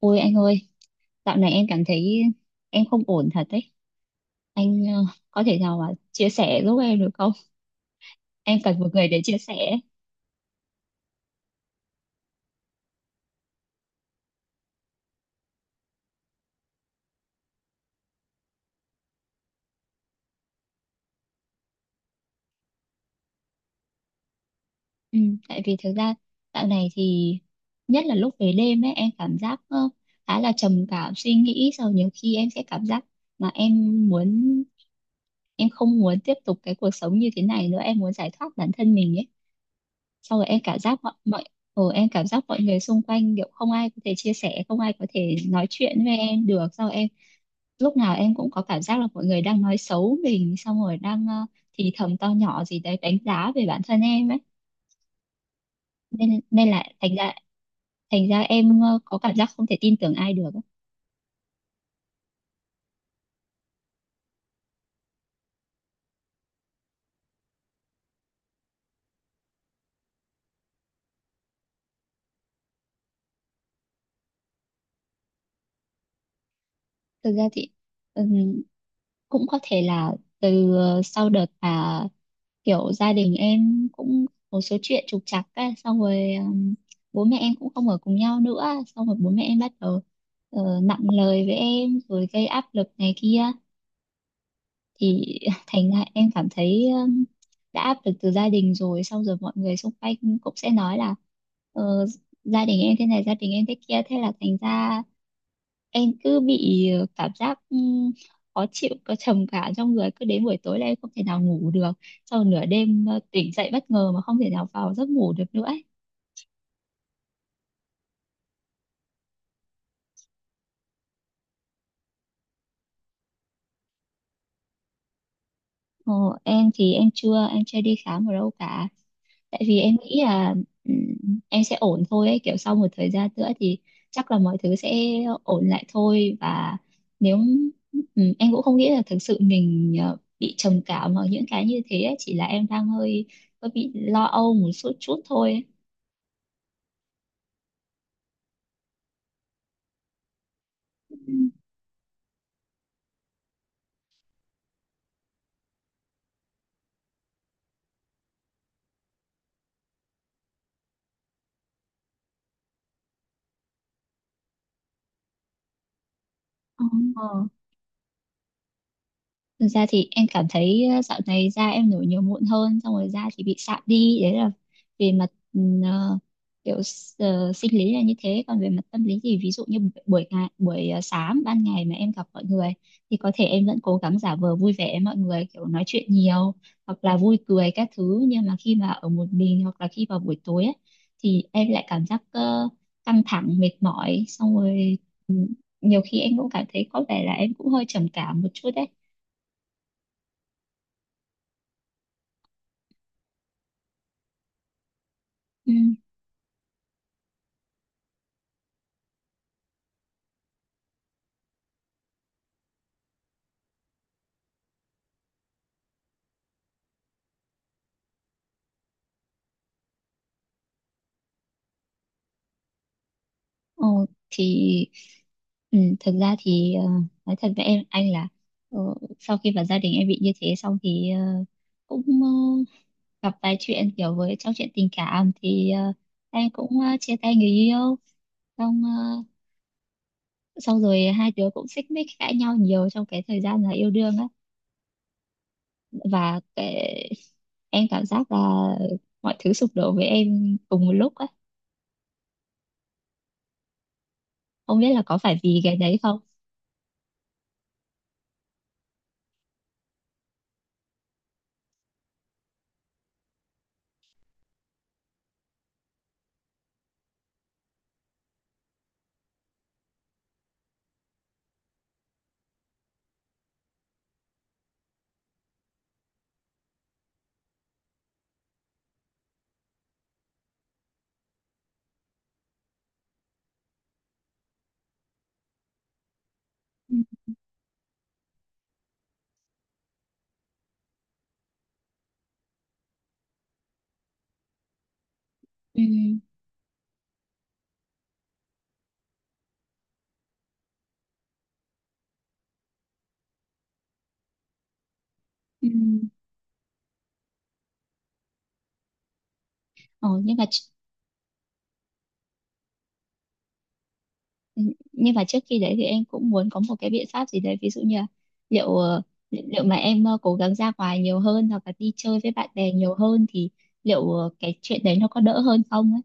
Ôi anh ơi, dạo này em cảm thấy em không ổn thật đấy. Anh có thể nào mà chia sẻ giúp em được không? Em cần một người để chia sẻ. Ừ, tại vì thực ra dạo này thì nhất là lúc về đêm ấy em cảm giác khá là trầm cảm suy nghĩ. Sau nhiều khi em sẽ cảm giác mà em muốn em không muốn tiếp tục cái cuộc sống như thế này nữa, em muốn giải thoát bản thân mình ấy. Sau rồi em cảm giác mọi mọi ừ, em cảm giác mọi người xung quanh kiểu không ai có thể chia sẻ, không ai có thể nói chuyện với em được. Sau em lúc nào em cũng có cảm giác là mọi người đang nói xấu mình, xong rồi đang thì thầm to nhỏ gì đấy đánh giá về bản thân em ấy, nên nên là thành ra, thành ra em có cảm giác không thể tin tưởng ai được ấy. Thực ra thì ừm, cũng có thể là từ sau đợt mà kiểu gia đình em cũng một số chuyện trục trặc ấy, xong rồi bố mẹ em cũng không ở cùng nhau nữa, xong rồi bố mẹ em bắt đầu nặng lời với em rồi gây áp lực này kia thì thành ra em cảm thấy đã áp lực từ gia đình rồi, xong rồi mọi người xung quanh cũng sẽ nói là ờ, gia đình em thế này, gia đình em thế kia, thế là thành ra em cứ bị cảm giác khó chịu, có trầm cảm trong người, cứ đến buổi tối là em không thể nào ngủ được, sau nửa đêm tỉnh dậy bất ngờ mà không thể nào vào giấc ngủ được nữa ấy. Ờ, em thì em chưa đi khám ở đâu cả, tại vì em nghĩ là em sẽ ổn thôi ấy. Kiểu sau một thời gian nữa thì chắc là mọi thứ sẽ ổn lại thôi, và nếu em cũng không nghĩ là thực sự mình bị trầm cảm hoặc những cái như thế ấy. Chỉ là em đang hơi hơi bị lo âu một chút chút thôi ấy. Ờ. Thực ra thì em cảm thấy dạo này da em nổi nhiều mụn hơn, xong rồi da thì bị sạm đi. Đấy là về mặt ừm, ờ, kiểu sinh lý là như thế. Còn về mặt tâm lý thì ví dụ như buổi ngày, buổi sáng ban ngày mà em gặp mọi người thì có thể em vẫn cố gắng giả vờ vui vẻ với mọi người, kiểu nói chuyện nhiều hoặc là vui cười các thứ, nhưng mà khi mà ở một mình hoặc là khi vào buổi tối ấy, thì em lại cảm giác căng thẳng mệt mỏi, xong rồi ừm, nhiều khi em cũng cảm thấy có vẻ là em cũng hơi trầm cảm một chút đấy. Ừ. Ồ, thì ừ, thật ra thì nói thật với em anh là ờ, sau khi vào gia đình em bị như thế xong thì cũng gặp vài chuyện kiểu với trong chuyện tình cảm thì em cũng chia tay người yêu, xong xong rồi hai đứa cũng xích mích cãi nhau nhiều trong cái thời gian là yêu đương á, và cái, em cảm giác là mọi thứ sụp đổ với em cùng một lúc á, không biết là có phải vì cái đấy không. Ừ, ừ. Ừ. Ờ, nhưng mà ừ, nhưng mà trước khi đấy thì em cũng muốn có một cái biện pháp gì đấy ví dụ như là liệu liệu mà em cố gắng ra ngoài nhiều hơn hoặc là đi chơi với bạn bè nhiều hơn thì liệu cái chuyện đấy nó có đỡ hơn không ấy.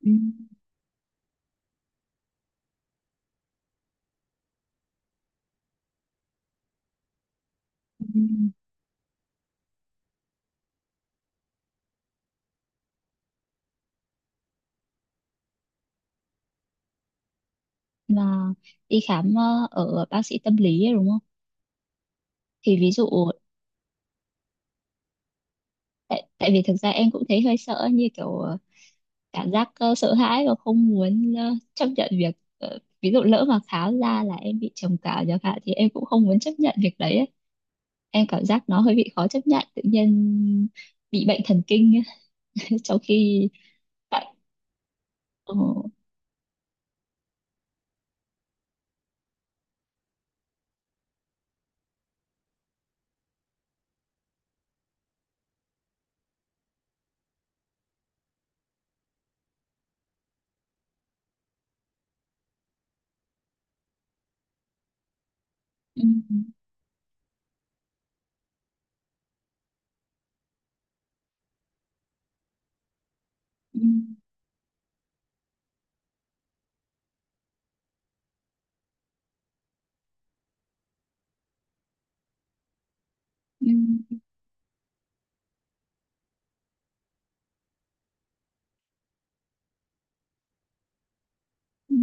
Ừ. Ừ. Là đi khám ở bác sĩ tâm lý ấy, đúng không? Thì ví dụ tại, tại vì thực ra em cũng thấy hơi sợ, như kiểu cảm giác sợ hãi và không muốn chấp nhận việc ví dụ lỡ mà khám ra là em bị trầm cảm chẳng hạn thì em cũng không muốn chấp nhận việc đấy ấy. Em cảm giác nó hơi bị khó chấp nhận, tự nhiên bị bệnh thần kinh ấy, trong khi tại ừ, ừ, ừ, ừ, ừ.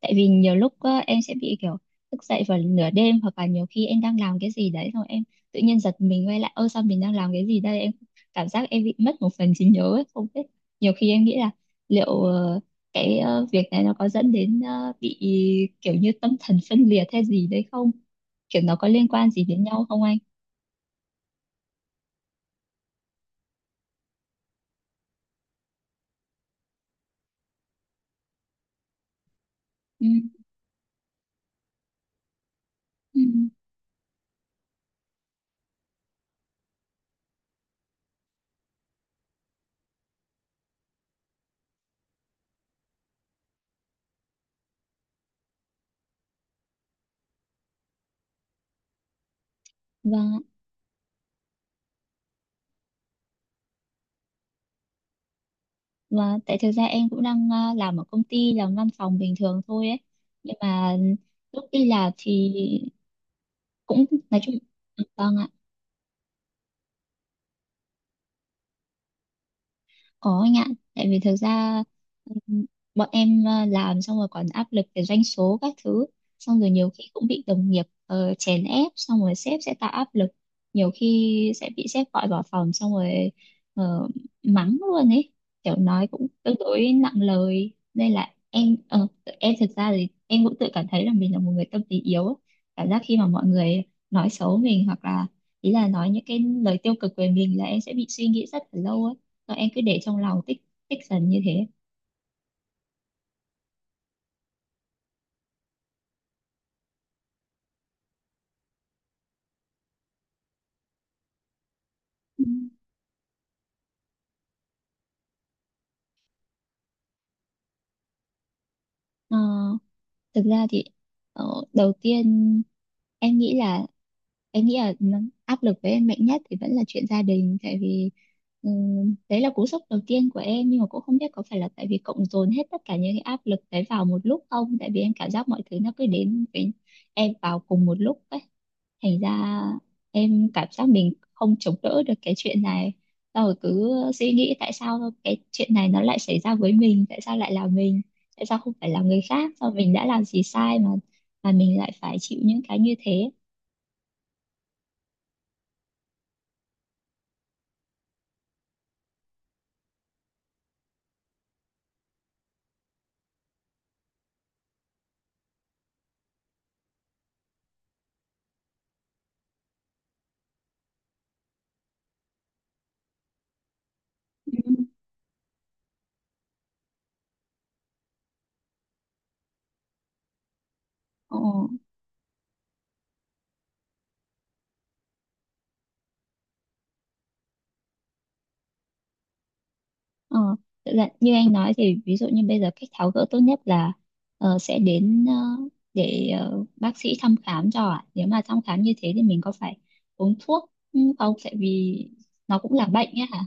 Tại vì nhiều lúc em sẽ bị kiểu thức dậy vào nửa đêm, hoặc là nhiều khi em đang làm cái gì đấy rồi em tự nhiên giật mình quay lại, ơ sao mình đang làm cái gì đây. Em cảm giác em bị mất một phần trí nhớ ấy, không biết. Nhiều khi em nghĩ là liệu việc này nó có dẫn đến bị kiểu như tâm thần phân liệt hay gì đấy không, kiểu nó có liên quan gì đến nhau không anh? Ừ. Vâng, và tại thực ra em cũng đang làm ở công ty, làm văn phòng bình thường thôi ấy. Nhưng mà lúc đi làm thì cũng nói chung ừ, vâng ạ. Có anh ạ, tại vì thực ra ừm, bọn em làm xong rồi còn áp lực về doanh số các thứ, xong rồi nhiều khi cũng bị đồng nghiệp chèn ép, xong rồi sếp sẽ tạo áp lực, nhiều khi sẽ bị sếp gọi vào phòng xong rồi ờ, mắng luôn ấy, kiểu nói cũng tương đối nặng lời, nên là em em thực ra thì em cũng tự cảm thấy là mình là một người tâm lý yếu, ấy. Cảm giác khi mà mọi người nói xấu mình hoặc là ý là nói những cái lời tiêu cực về mình là em sẽ bị suy nghĩ rất là lâu ấy, và em cứ để trong lòng tích tích dần như thế. Ừ. Ờ, thực ra thì ờ, đầu tiên em nghĩ là em nghĩ là nó- áp lực với em mạnh nhất thì vẫn là chuyện gia đình, tại vì đấy là cú sốc đầu tiên của em, nhưng mà cũng không biết có phải là tại vì cộng dồn hết tất cả những cái áp lực đấy vào một lúc không, tại vì em cảm giác mọi thứ nó cứ đến với em vào cùng một lúc ấy, thành ra em cảm giác mình không chống đỡ được cái chuyện này. Xong rồi cứ suy nghĩ, tại sao cái chuyện này nó lại xảy ra với mình, tại sao lại là mình, tại sao không phải là người khác, sao mình đã làm gì sai mà mình lại phải chịu những cái như thế. Ừ. Ờ, ờ. Thực ra như anh nói thì ví dụ như bây giờ cách tháo gỡ tốt nhất là sẽ đến bác sĩ thăm khám cho ạ. Nếu mà thăm khám như thế thì mình có phải uống thuốc ừ, không, tại vì nó cũng là bệnh ấy hả?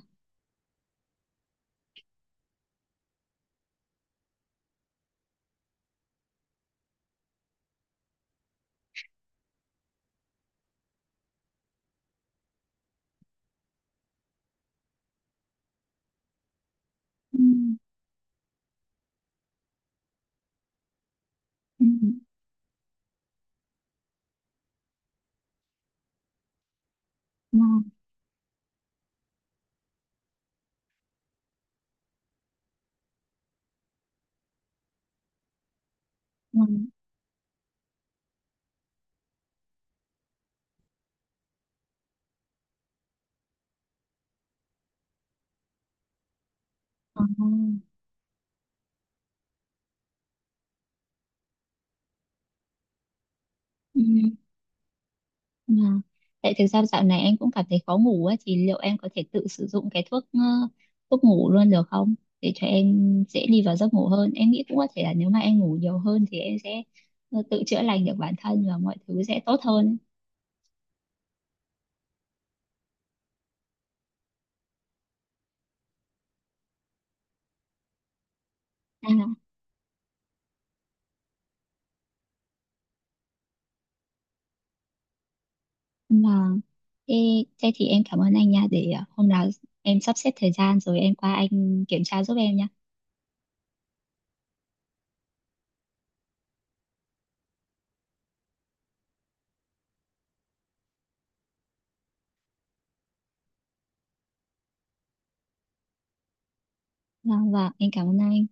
Ừ. Ừ, ngon, ngon, ờ, ừ, ngon. Tại thực ra dạo này anh cũng cảm thấy khó ngủ á, thì liệu em có thể tự sử dụng cái thuốc thuốc ngủ luôn được không? Để cho em dễ đi vào giấc ngủ hơn. Em nghĩ cũng có thể là nếu mà em ngủ nhiều hơn thì em sẽ tự chữa lành được bản thân và mọi thứ sẽ tốt hơn. À, vâng. Thế, thế thì em cảm ơn anh nha. Để hôm nào em sắp xếp thời gian rồi em qua anh kiểm tra giúp em nha. Vâng, vâng, em cảm ơn anh.